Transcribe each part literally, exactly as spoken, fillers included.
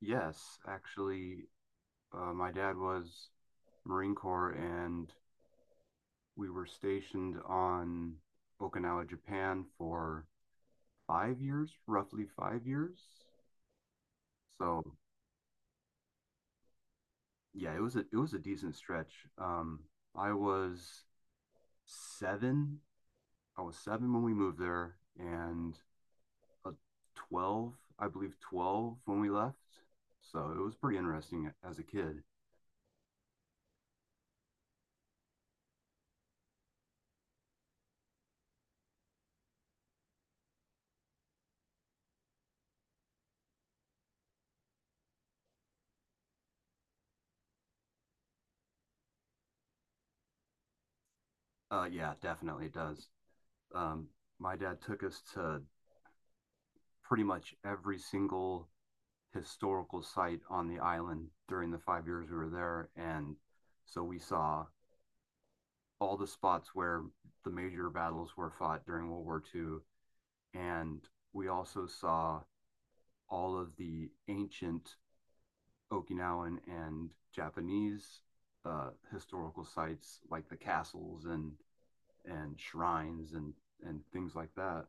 Yes, actually, uh, my dad was Marine Corps, and we were stationed on Okinawa, Japan for five years, roughly five years. So yeah, it was a it was a decent stretch. Um, I was seven. I was seven when we moved there, and a twelve, I believe, twelve when we left. So it was pretty interesting as a kid. Uh, yeah, definitely it does. Um, my dad took us to pretty much every single historical site on the island during the five years we were there, and so we saw all the spots where the major battles were fought during World War two, and we also saw all of the ancient Okinawan and Japanese uh, historical sites like the castles and and shrines and and things like that.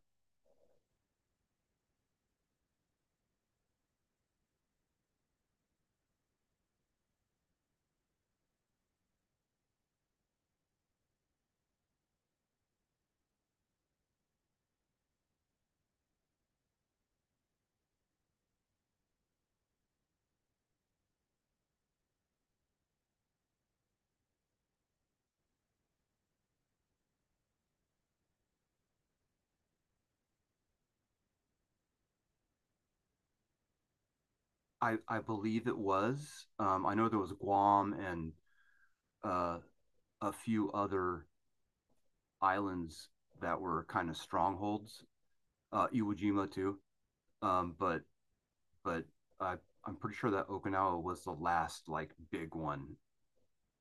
I I believe it was. Um, I know there was Guam and uh, a few other islands that were kind of strongholds. Uh, Iwo Jima too. Um, but but I I'm pretty sure that Okinawa was the last like big one,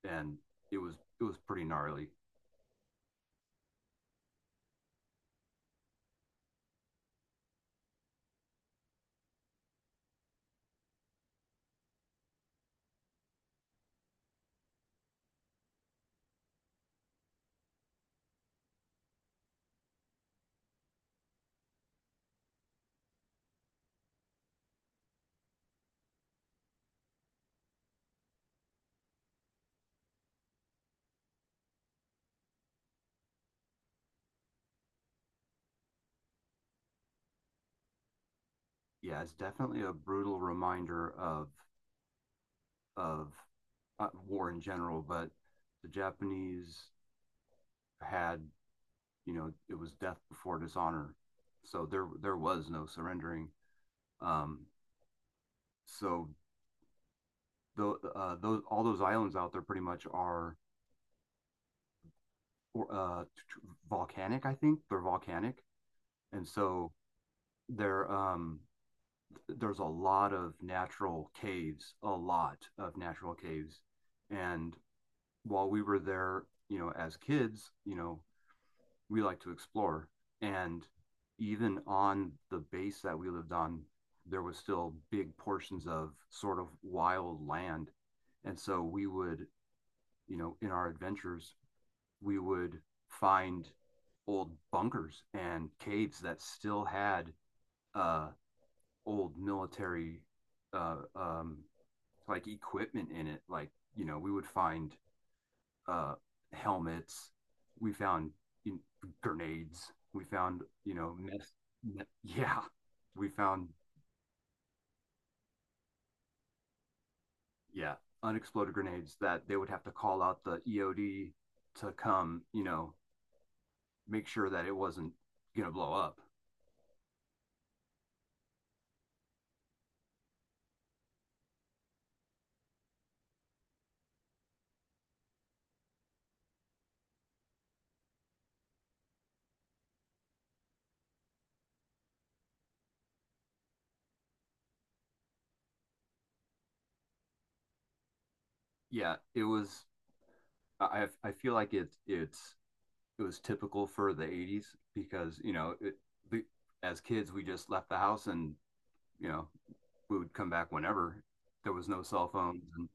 and it was it was pretty gnarly. Yeah, it's definitely a brutal reminder of of uh, war in general, but the Japanese had, you know, it was death before dishonor. So there there was no surrendering. Um, so the, uh, those all those islands out there pretty much are uh, volcanic. I think they're volcanic, and so there um, there's a lot of natural caves, a lot of natural caves, and while we were there, you know, as kids, you know, we like to explore. And even on the base that we lived on, there was still big portions of sort of wild land. And so we would, you know, in our adventures, we would find old bunkers and caves that still had uh, old military uh, um, like equipment in it. Like, you know, we would find uh, helmets. We found, you know, grenades. We found, you know, mess, me- yeah, we found, yeah, unexploded grenades that they would have to call out the E O D to come, you know, make sure that it wasn't going to blow up. Yeah, it was. I I feel like it's it's it was typical for the eighties because you know it, the, as kids we just left the house and you know we would come back whenever there was no cell phones and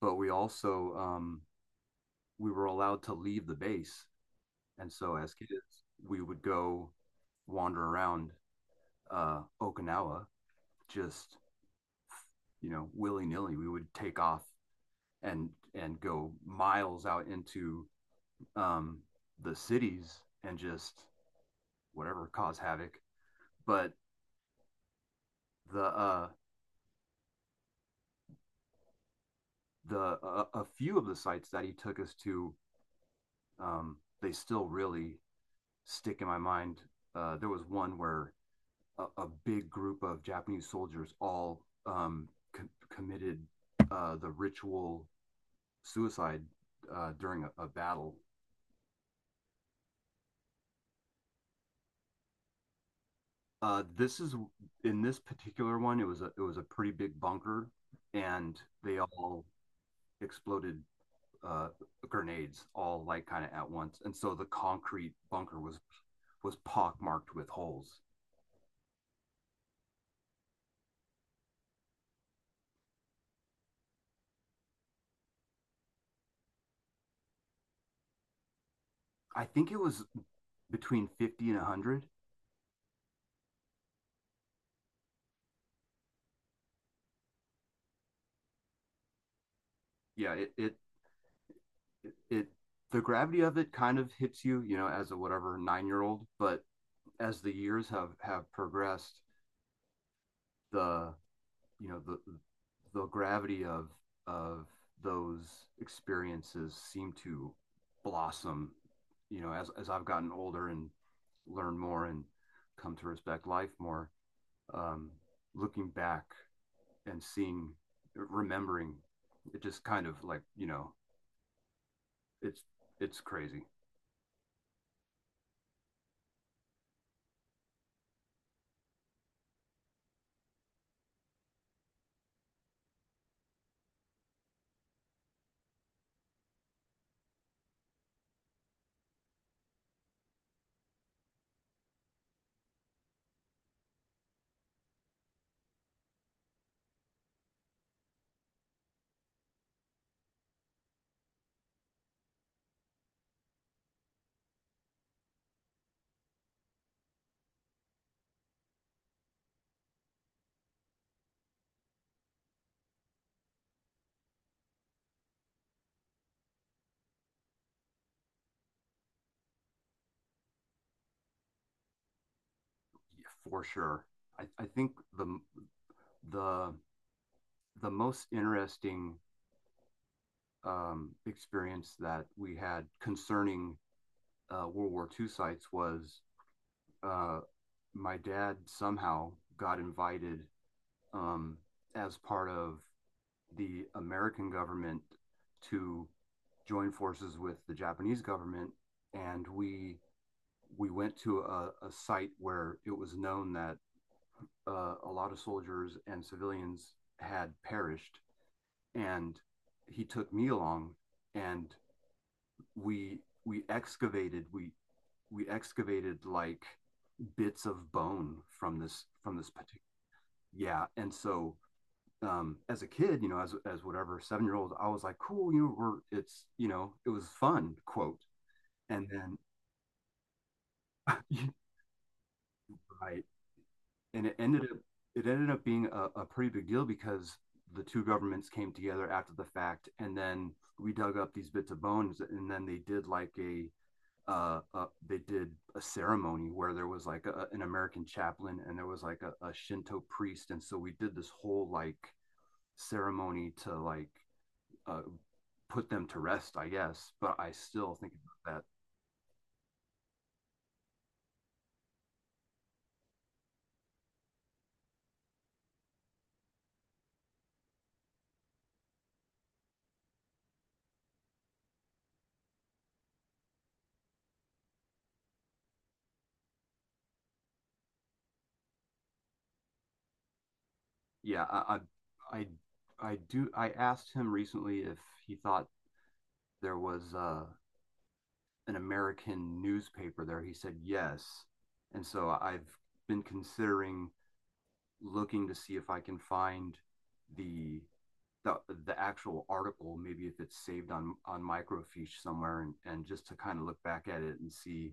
but we also, um, we were allowed to leave the base, and so as kids, we would go wander around uh, Okinawa, just you know willy nilly. We would take off and and go miles out into, um, the cities and just whatever cause havoc. But the uh, the uh, a few of the sites that he took us to, um, they still really stick in my mind. Uh, there was one where a, a big group of Japanese soldiers all, um, co- committed uh, the ritual suicide uh, during a, a battle. Uh, this is, in this particular one, It was a it was a pretty big bunker, and they all exploded, uh, grenades, all like kind of at once. And so the concrete bunker was was pockmarked with holes. I think it was between fifty and a hundred. Yeah, it, it it, it the gravity of it kind of hits you, you know, as a whatever nine year old. But as the years have have progressed, the you know the the gravity of of those experiences seem to blossom, you know, as as I've gotten older and learned more and come to respect life more. Um, Looking back and seeing, remembering, it just kind of like, you know, it's it's crazy. For sure. I, I think the the the most interesting um, experience that we had concerning uh, World War two sites was, uh, my dad somehow got invited, um, as part of the American government to join forces with the Japanese government, and we we went to a, a site where it was known that uh, a lot of soldiers and civilians had perished, and he took me along, and we we excavated we we excavated like bits of bone from this from this particular, yeah, and so, um as a kid, you know, as as whatever seven year old, I was like, cool, you know, we're, it's, you know, it was fun, quote, and then yeah, right, and it ended up, it ended up being a, a pretty big deal because the two governments came together after the fact, and then we dug up these bits of bones, and then they did like a, uh, uh, they did a ceremony where there was like a, an American chaplain, and there was like a, a Shinto priest, and so we did this whole like ceremony to like, uh, put them to rest, I guess. But I still think about that. Yeah, I, I, I, I do. I asked him recently if he thought there was, uh, an American newspaper there. He said yes, and so I've been considering looking to see if I can find the the the actual article, maybe if it's saved on on microfiche somewhere, and and just to kind of look back at it and see,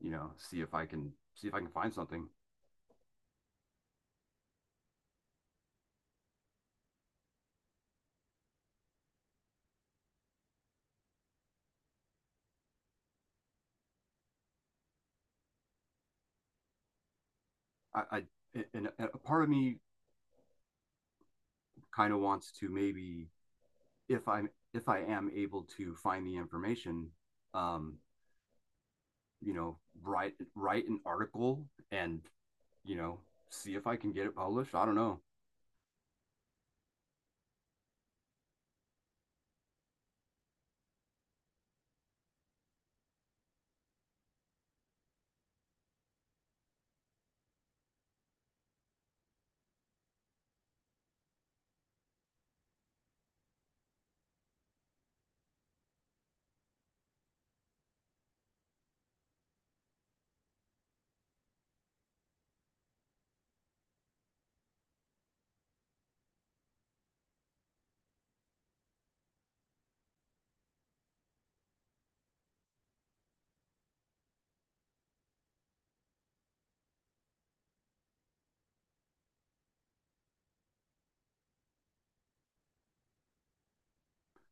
you know, see if I can, see if I can find something. I, I And a part of me kind of wants to maybe, if I'm if I am able to find the information, um, you know, write write an article and you know see if I can get it published. I don't know.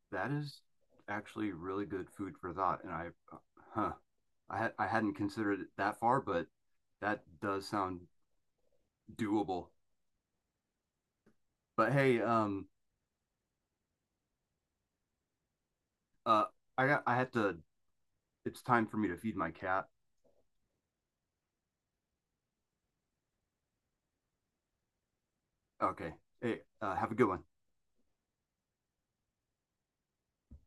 That is actually really good food for thought, and I, huh, I had I hadn't considered it that far, but that does sound doable. But hey, um, uh, I got I have to. It's time for me to feed my cat. Okay. Hey, uh, have a good one.